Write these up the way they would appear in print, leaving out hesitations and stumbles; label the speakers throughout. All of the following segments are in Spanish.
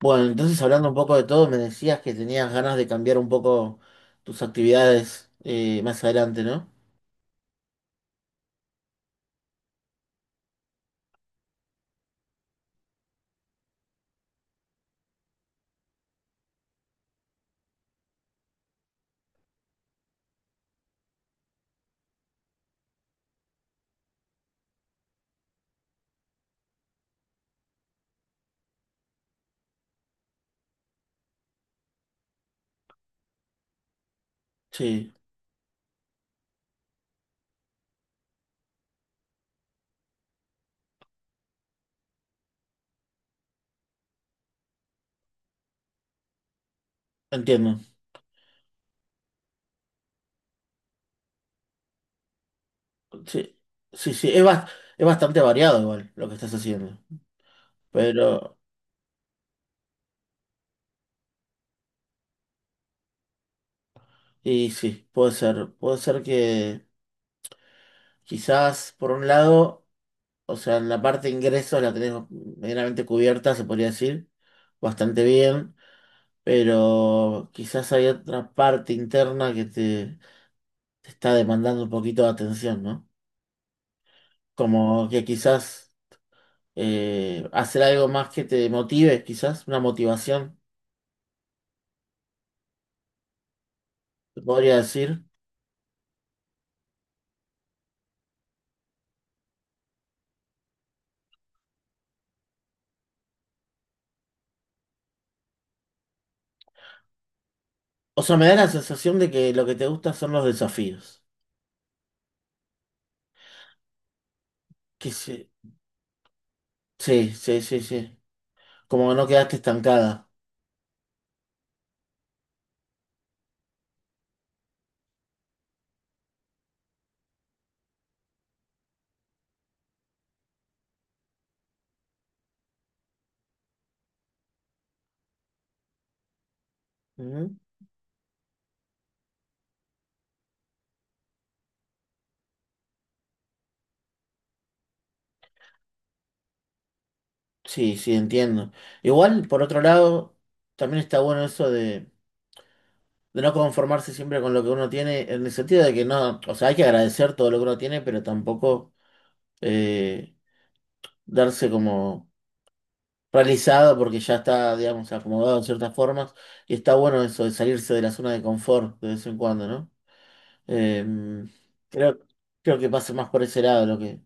Speaker 1: Bueno, entonces hablando un poco de todo, me decías que tenías ganas de cambiar un poco tus actividades más adelante, ¿no? Sí, entiendo. Sí, sí, sí, es bastante variado igual lo que estás haciendo. Pero, y sí, puede ser que quizás por un lado, o sea, en la parte de ingresos la tenés medianamente cubierta, se podría decir, bastante bien, pero quizás hay otra parte interna te está demandando un poquito de atención, ¿no? Como que quizás hacer algo más que te motive, quizás una motivación, te podría decir. O sea, me da la sensación de que lo que te gusta son los desafíos. Que sí, sí, sí, sí, sí. Como que no quedaste estancada. Ujú. Sí, sí, entiendo. Igual, por otro lado, también está bueno eso de no conformarse siempre con lo que uno tiene, en el sentido de que no, o sea, hay que agradecer todo lo que uno tiene, pero tampoco eh, darse como realizada porque ya está, digamos, acomodado en ciertas formas. Y está bueno eso de salirse de la zona de confort de vez en cuando, ¿no? Eh, creo, creo que pasa más por ese lado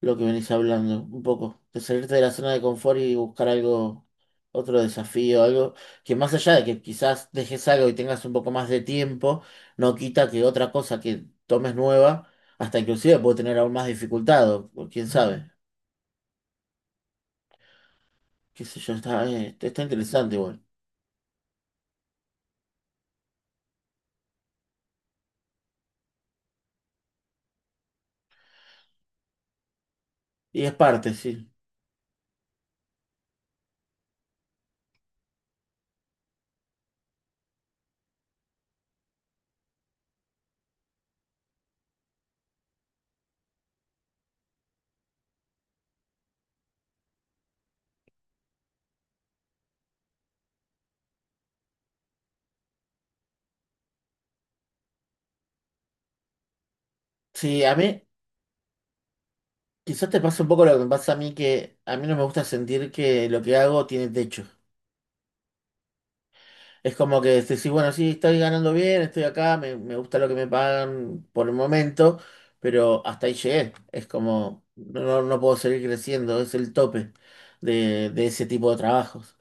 Speaker 1: lo que venís hablando, un poco. De salirte de la zona de confort y buscar algo, otro desafío, algo que más allá de que quizás dejes algo y tengas un poco más de tiempo, no quita que otra cosa que tomes nueva, hasta inclusive puede tener aún más dificultad, o quién sabe. Qué sé yo, está interesante igual. Y es parte, sí. Sí, a mí quizás te pasa un poco lo que me pasa a mí, que a mí no me gusta sentir que lo que hago tiene techo. Es como que decís: "Sí, bueno, sí, estoy ganando bien, estoy acá, me gusta lo que me pagan por el momento, pero hasta ahí llegué". Es como, no, no puedo seguir creciendo, es el tope de ese tipo de trabajos.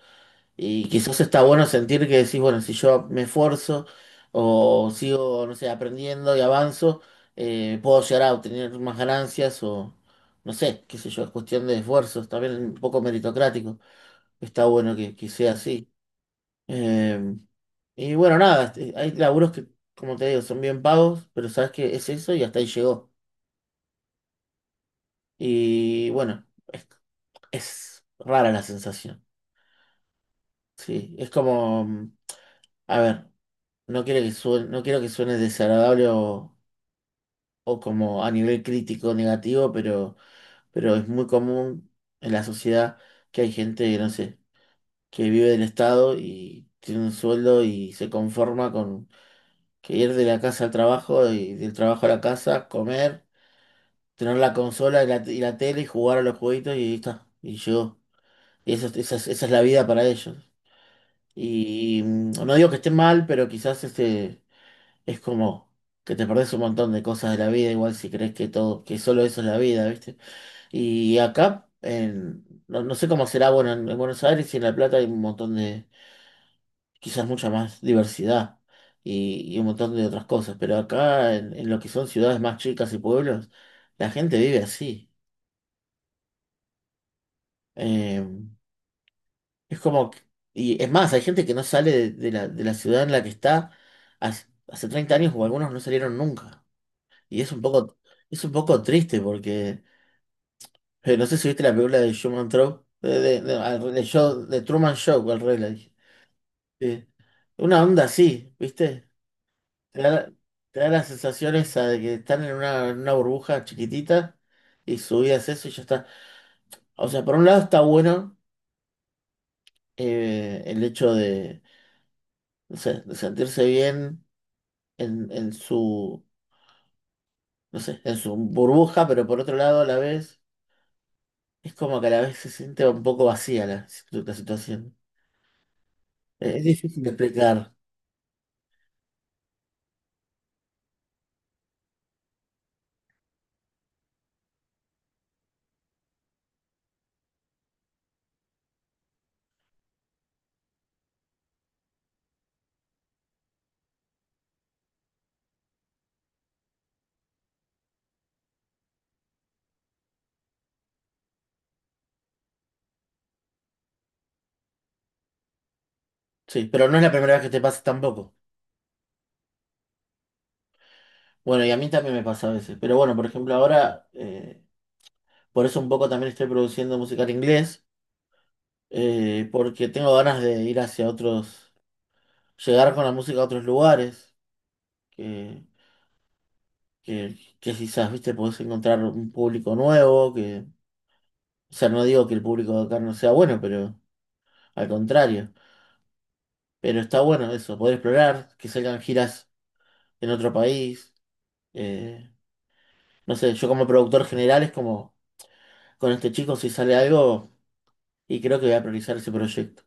Speaker 1: Y quizás está bueno sentir que decís, bueno, si yo me esfuerzo o sigo, no sé, aprendiendo y avanzo, puedo llegar a obtener más ganancias o, no sé, qué sé yo, es cuestión de esfuerzos, también un poco meritocrático. Está bueno que sea así. Eh, y bueno, nada, este, hay laburos que, como te digo, son bien pagos, pero sabes que es eso y hasta ahí llegó. Y bueno, es, es rara la sensación. Sí, es como, a ver. No quiero que suene, no quiero que suene desagradable o como a nivel crítico negativo, pero es muy común en la sociedad que hay gente que, no sé, que vive del Estado y tiene un sueldo y se conforma con que ir de la casa al trabajo y del trabajo a la casa, comer, tener la consola y la tele y jugar a los jueguitos y ahí está. Y yo, y eso, esa es la vida para ellos. Y, no digo que esté mal, pero quizás este es como que te perdés un montón de cosas de la vida, igual si crees que todo, que solo eso es la vida, ¿viste? Y acá, en, no, no sé cómo será, bueno, en Buenos Aires y en La Plata hay un montón de, quizás mucha más diversidad y un montón de otras cosas, pero acá en lo que son ciudades más chicas y pueblos, la gente vive así. Eh, es como, que- y es más, hay gente que no sale de la ciudad en la que está hace, hace 30 años o algunos no salieron nunca. Y es un poco triste porque no sé si viste la película de Truman Show, de Truman Show, al revés la dije. Eh, una onda así, ¿viste? Te da, te da las sensaciones de que están en una burbuja chiquitita y su vida es eso y ya está. O sea, por un lado está bueno el hecho de, no sé, de sentirse bien en su, no sé, en su burbuja, pero por otro lado a la vez es como que a la vez se siente un poco vacía la, la situación. Es difícil de explicar, sí, pero no es la primera vez que te pasa tampoco. Bueno, y a mí también me pasa a veces, pero bueno, por ejemplo, ahora, por eso un poco también estoy produciendo música en inglés, porque tengo ganas de ir hacia otros, llegar con la música a otros lugares, que, que quizás, viste, podés encontrar un público nuevo, que, o sea, no digo que el público de acá no sea bueno, pero al contrario, pero está bueno eso, poder explorar, que salgan giras en otro país. eh, no sé, yo como productor general es como con este chico si sale algo y creo que voy a priorizar ese proyecto.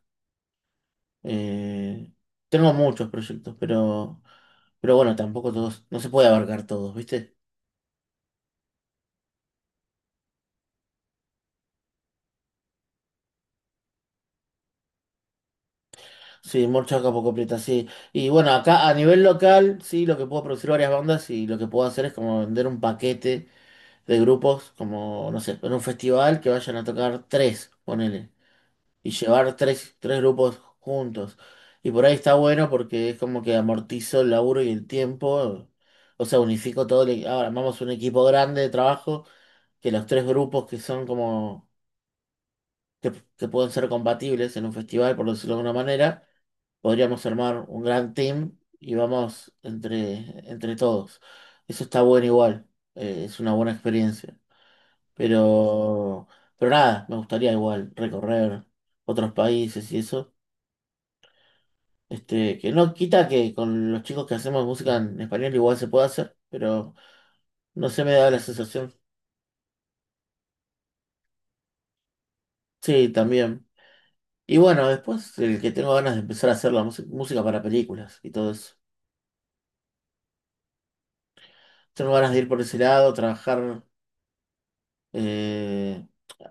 Speaker 1: Eh, Tengo muchos proyectos, pero bueno, tampoco todos, no se puede abarcar todos, ¿viste? Sí, mucha capa completa, sí. Y bueno, acá a nivel local, sí, lo que puedo producir varias bandas y lo que puedo hacer es como vender un paquete de grupos, como, no sé, en un festival que vayan a tocar tres, ponele. Y llevar tres grupos juntos. Y por ahí está bueno porque es como que amortizo el laburo y el tiempo, o sea, unifico todo, el, e, ahora armamos un equipo grande de trabajo, que los tres grupos que son como, que, que pueden ser compatibles en un festival, por decirlo de alguna manera, podríamos armar un gran team y vamos entre todos. Eso está bueno igual, es una buena experiencia. Pero, pero nada, me gustaría igual recorrer otros países y eso. Este, que no quita que con los chicos que hacemos música en español igual se puede hacer, pero no se me da la sensación. Sí, también. Y bueno, después el que tengo ganas de empezar a hacer la música, música para películas y todo eso. Tengo ganas de ir por ese lado, trabajar. eh,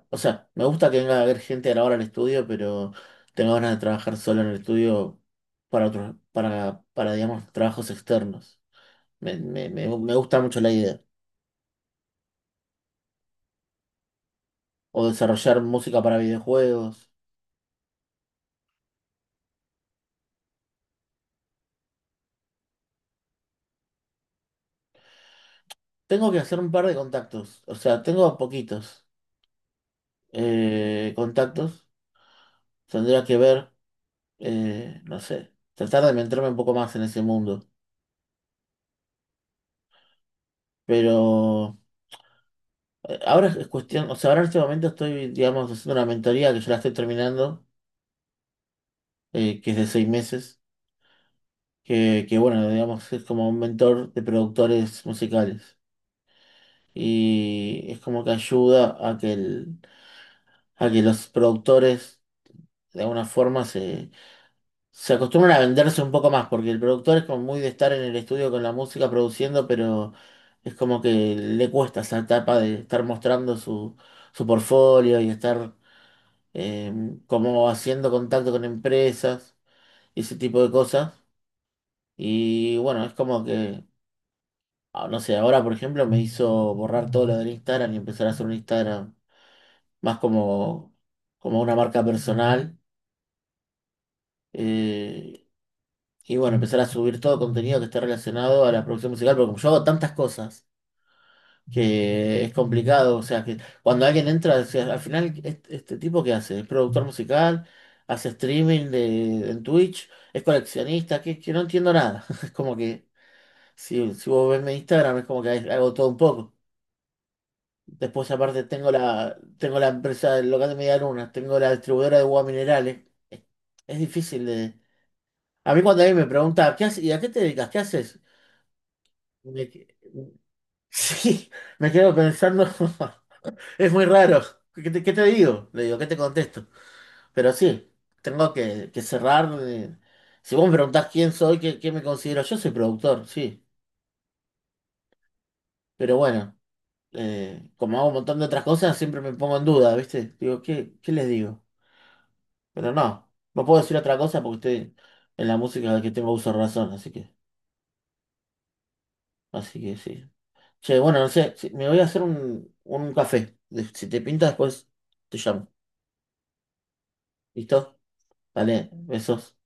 Speaker 1: o sea, me gusta que venga a ver gente a la hora al estudio, pero tengo ganas de trabajar solo en el estudio para otros, para, digamos, trabajos externos. Me gusta mucho la idea. O desarrollar música para videojuegos. Tengo que hacer un par de contactos, o sea, tengo poquitos contactos. Tendría que ver, no sé, tratar de meterme un poco más en ese mundo. Pero ahora es cuestión, o sea, ahora en este momento estoy, digamos, haciendo una mentoría que ya la estoy terminando, que es de 6 meses, que bueno, digamos, es como un mentor de productores musicales. Y es como que ayuda a a que los productores de alguna forma se acostumbran a venderse un poco más, porque el productor es como muy de estar en el estudio con la música produciendo, pero es como que le cuesta esa etapa de estar mostrando su, su portfolio y estar eh, como haciendo contacto con empresas y ese tipo de cosas. Y bueno, es como que, ah, no sé, ahora por ejemplo me hizo borrar todo lo del Instagram y empezar a hacer un Instagram más como, como una marca personal. eh, Y bueno, empezar a subir todo contenido que esté relacionado a la producción musical, porque como yo hago tantas cosas que es complicado, o sea, que cuando alguien entra, o sea, al final, este, ¿este tipo que hace? ¿Es productor musical? ¿Hace streaming de, en Twitch? ¿Es coleccionista? Que no entiendo nada. Es como que, si, si vos ves mi Instagram, es como que hago todo un poco. Después, aparte, tengo la empresa del local de Media Luna, tengo la distribuidora de agua minerales. Es difícil de... A mí cuando alguien me pregunta: ¿qué haces? ¿Y a qué te dedicas? ¿Qué haces? Me que- sí, me quedo pensando, es muy raro. Qué te digo? Le digo, ¿qué te contesto? Pero sí, tengo que cerrar. Si vos me preguntás quién soy, qué, qué me considero, yo soy productor, sí. Pero bueno, como hago un montón de otras cosas, siempre me pongo en duda, ¿viste? Digo, ¿qué, qué les digo? Pero no, no puedo decir otra cosa porque estoy en la música que tengo uso de razón, así que sí. Che, bueno, no sé, si- me voy a hacer un café. Si te pinta después, te llamo. ¿Listo? Vale, besos.